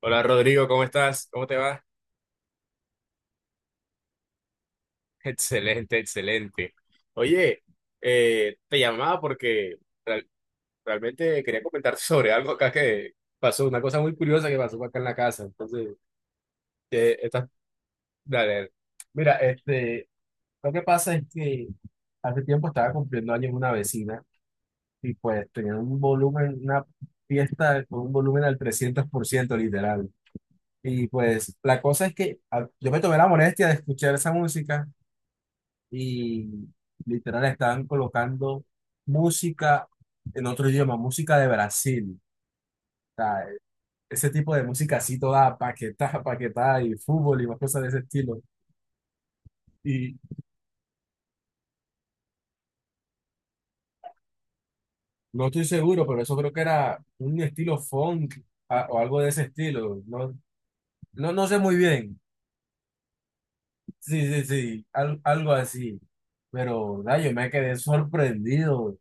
Hola Rodrigo, ¿cómo estás? ¿Cómo te va? Excelente, excelente. Oye, te llamaba porque real- realmente quería comentarte sobre algo acá que pasó, una cosa muy curiosa que pasó acá en la casa. Entonces, eh, estás- dale, dale. Mira, este, lo que pasa es que hace tiempo estaba cumpliendo años una vecina y pues tenía un volumen, una fiesta con un volumen al 300% literal. Y pues la cosa es que yo me tomé la molestia de escuchar esa música y literal estaban colocando música en otro idioma, música de Brasil. O sea, ese tipo de música así toda paquetada, paquetada y fútbol y más cosas de ese estilo. Y no estoy seguro, pero eso creo que era un estilo funk o algo de ese estilo. No, no, no sé muy bien. Sí, sí, sí, algo así. Pero, da, yo me quedé sorprendido.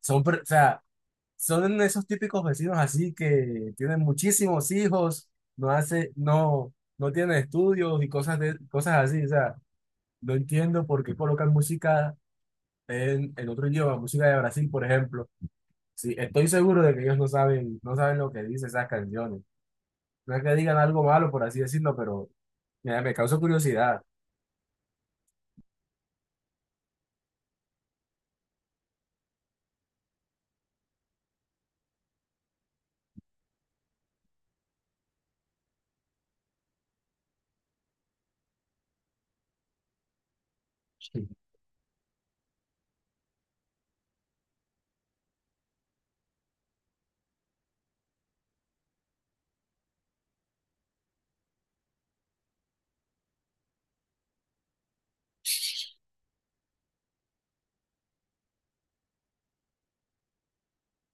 O sea, son esos típicos vecinos así que tienen muchísimos hijos, no hace, no, no tienen estudios y cosas de, cosas así. O sea, no entiendo por qué colocan música en otro idioma, música de Brasil, por ejemplo. Sí, estoy seguro de que ellos no saben, no saben lo que dicen esas canciones. No es que digan algo malo, por así decirlo, pero mira, me causa curiosidad.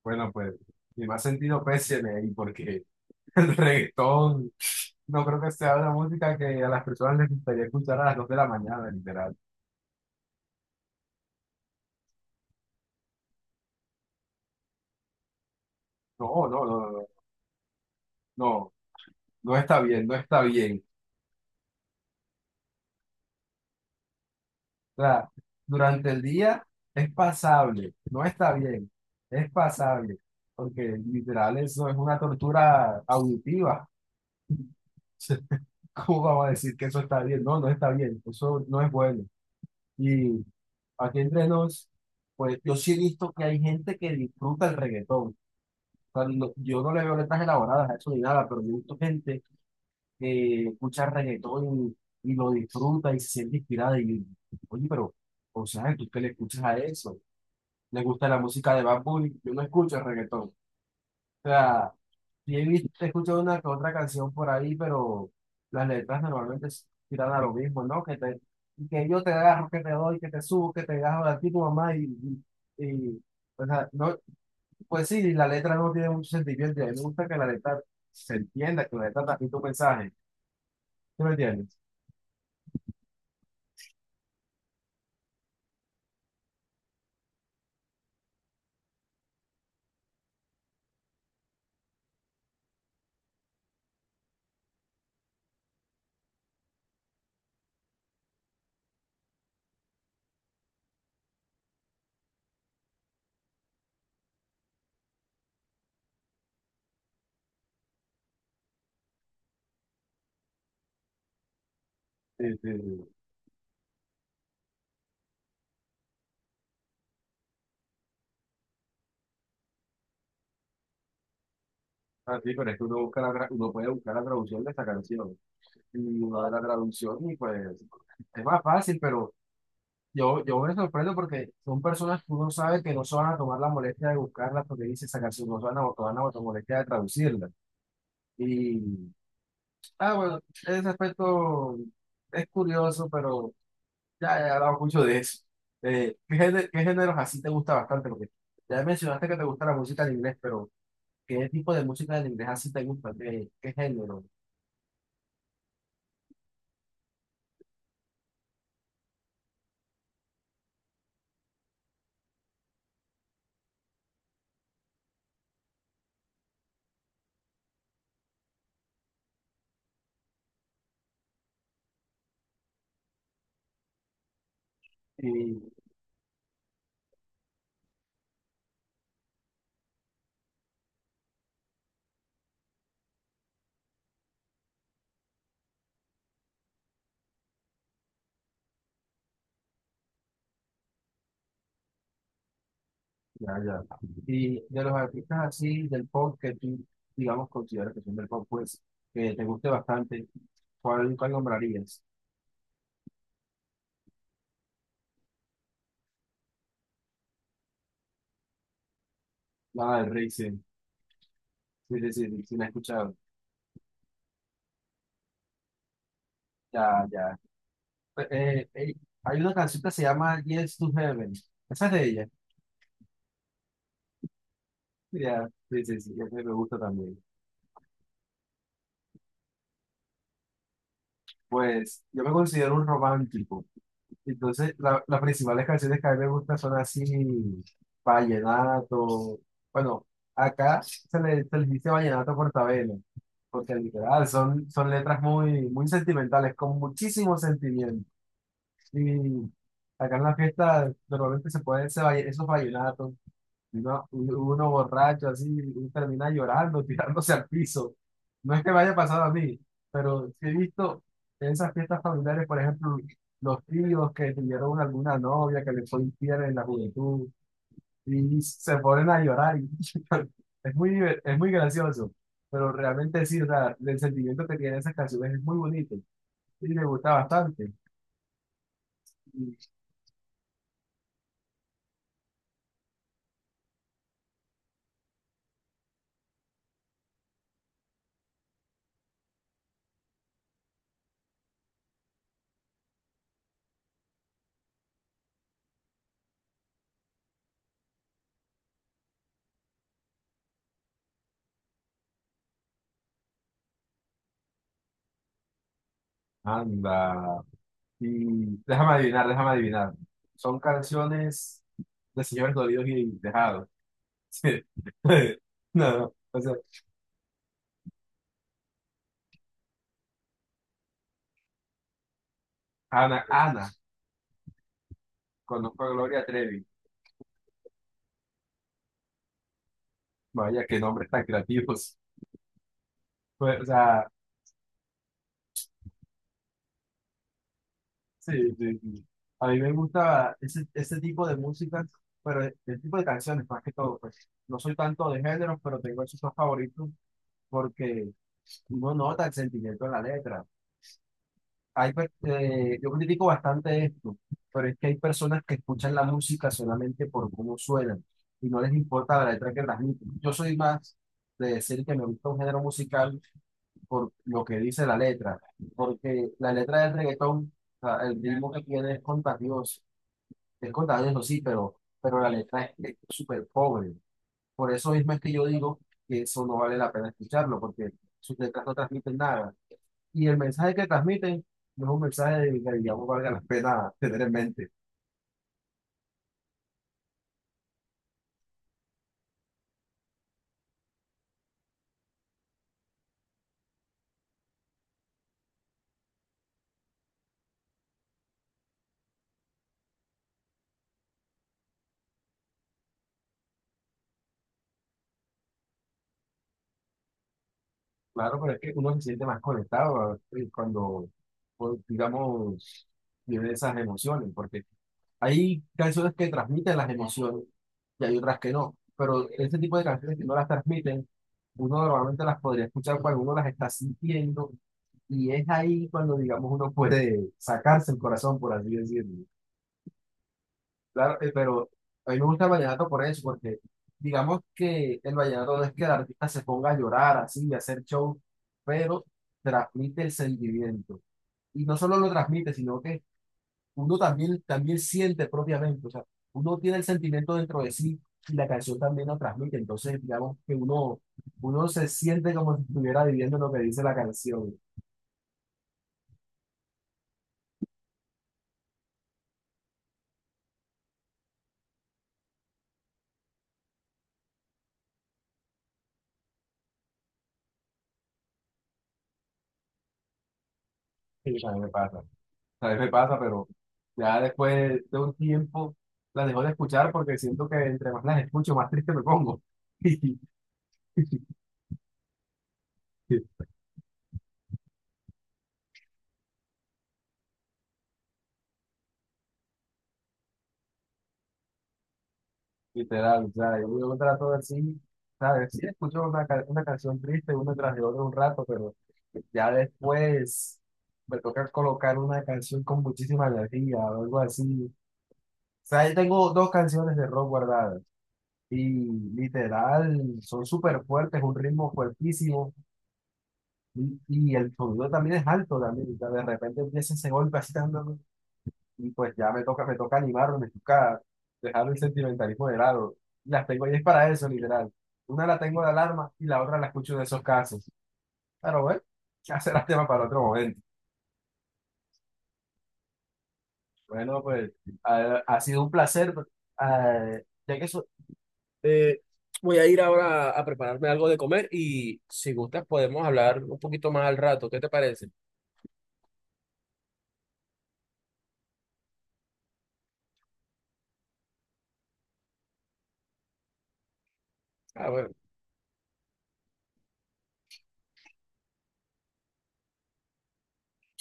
Bueno, pues, mi más sentido péseme ahí, porque el reggaetón, no creo que sea una música que a las personas les gustaría escuchar a las 2 de la mañana, literal. No, no, no, no, no, no, no está bien, no está bien. O sea, durante el día es pasable, no está bien, es pasable, porque literal eso es una tortura auditiva. ¿Cómo vamos a decir que eso está bien? No, no está bien, eso no es bueno. Y aquí entre nos, pues yo sí he visto que hay gente que disfruta el reggaetón. Sea, yo no le veo letras elaboradas a eso ni nada, pero yo he visto gente que escucha reggaetón y lo disfruta y se siente inspirada. Y yo, oye, pero, o sea, ¿tú qué le escuchas a eso? ¿Le gusta la música de Bad Bunny? Yo no escucho reggaetón. O sea, he escuchado una que otra canción por ahí, pero las letras normalmente tiran a lo mismo, ¿no? Que te, que yo te agarro, que te doy, que te subo, que te agarro de ti, tu mamá, y, o sea, no, pues sí, la letra no tiene mucho sentimiento. Y a mí me gusta que la letra se entienda, que la letra transmite un mensaje. ¿Sí me entiendes? Sí, sí, sí. Ah, sí, pero es que uno, uno puede buscar la traducción de esta canción. Y uno da la traducción y pues es más fácil, pero yo me sorprendo porque son personas que uno sabe que no se van a tomar la molestia de buscarlas porque dice esa canción, no se van a tomar la molestia de traducirla. Y, ah, bueno, ese aspecto es curioso, pero... Ya he hablado mucho de eso. ¿Qué géneros así te gusta bastante? Porque ya mencionaste que te gusta la música en inglés, pero ¿qué tipo de música en inglés así te gusta? ¿Qué, qué género? Y, ya, ya. Y de los artistas así del pop que tú, digamos, consideras que son del pop, pues, que te guste bastante, ¿cuál, cuál nombrarías? Nada del Rey, sí. Sí, sí, sí, sí, la he escuchado. Ya, ya. Pues, hay una canción que se llama Yes to Heaven. Esa es de ella. Ya, sí, sí, sí, esa me gusta también. Pues yo me considero un romántico. Entonces, las principales canciones que a mí me gustan son así, vallenato. Bueno, acá se le dice vallenato portabelo, porque literal son, son letras muy, muy sentimentales, con muchísimo sentimiento. Y acá en la fiesta normalmente se pueden esos vallenatos. Uno, uno borracho así y termina llorando, tirándose al piso. No es que me haya pasado a mí, pero sí he visto en esas fiestas familiares, por ejemplo, los tíos que tuvieron alguna novia que les fue infiel en la juventud y se ponen a llorar. Y es muy gracioso, pero realmente sí, o sea, el sentimiento que tienen esas canciones es muy bonito y me gusta bastante. Anda, y déjame adivinar, déjame adivinar. Son canciones. Los señores dolidos y dejados. Sí. No, no, o sea, Ana, Ana, conozco a Gloria Trevi. Vaya, qué nombres tan creativos. Pues, o sea, sí, sí, sí. A mí me gusta ese, ese tipo de música, pero el tipo de canciones más que todo, pues. No soy tanto de géneros, pero tengo esos dos favoritos porque uno no nota el sentimiento en la letra. Yo critico bastante esto, pero es que hay personas que escuchan la música solamente por cómo suenan y no les importa la letra que transmiten. Yo soy más de decir que me gusta un género musical por lo que dice la letra, porque la letra del reggaetón, o sea, el ritmo que tiene es contagioso, sí, pero la letra es súper pobre. Por eso mismo es que yo digo que eso no vale la pena escucharlo, porque sus letras no transmiten nada. Y el mensaje que transmiten no es un mensaje que, digamos, valga la pena tener en mente. Claro, pero es que uno se siente más conectado cuando, pues, digamos, vive esas emociones, porque hay canciones que transmiten las emociones y hay otras que no. Pero este tipo de canciones que no las transmiten, uno normalmente las podría escuchar cuando uno las está sintiendo y es ahí cuando, digamos, uno puede sacarse el corazón, por así decirlo. Claro, pero a mí me gusta el vallenato por eso, porque digamos que el vallenato no es que el artista se ponga a llorar así y hacer show, pero transmite el sentimiento. Y no solo lo transmite, sino que uno también, también siente propiamente, o sea, uno tiene el sentimiento dentro de sí y la canción también lo transmite. Entonces, digamos que uno se siente como si estuviera viviendo lo que dice la canción. Sí, a mí me pasa. A veces me pasa, pero ya después de un tiempo las dejo de escuchar porque siento que entre más las escucho, más triste me pongo. Literal, o sea, yo trato de sí ¿sabes? Sí, escucho una canción triste una tras de otra un rato, pero ya después me toca colocar una canción con muchísima energía o algo así. O sea, yo tengo dos canciones de rock guardadas y literal, son súper fuertes, un ritmo fuertísimo. Y el sonido también es alto, también. O sea, de repente empieza ese golpe así tan, tan, y pues ya me toca animarlo, me toca dejar el sentimentalismo de lado. Las tengo y es para eso, literal. Una la tengo de alarma y la otra la escucho de esos casos. Pero bueno, ya será tema para otro momento. Bueno, pues ha sido un placer. eh, ya que eso, Eh, Voy a ir ahora a prepararme algo de comer y si gustas podemos hablar un poquito más al rato. ¿Qué te parece?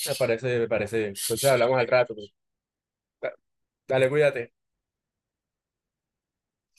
Me parece bien. Entonces hablamos. Dale, cuídate.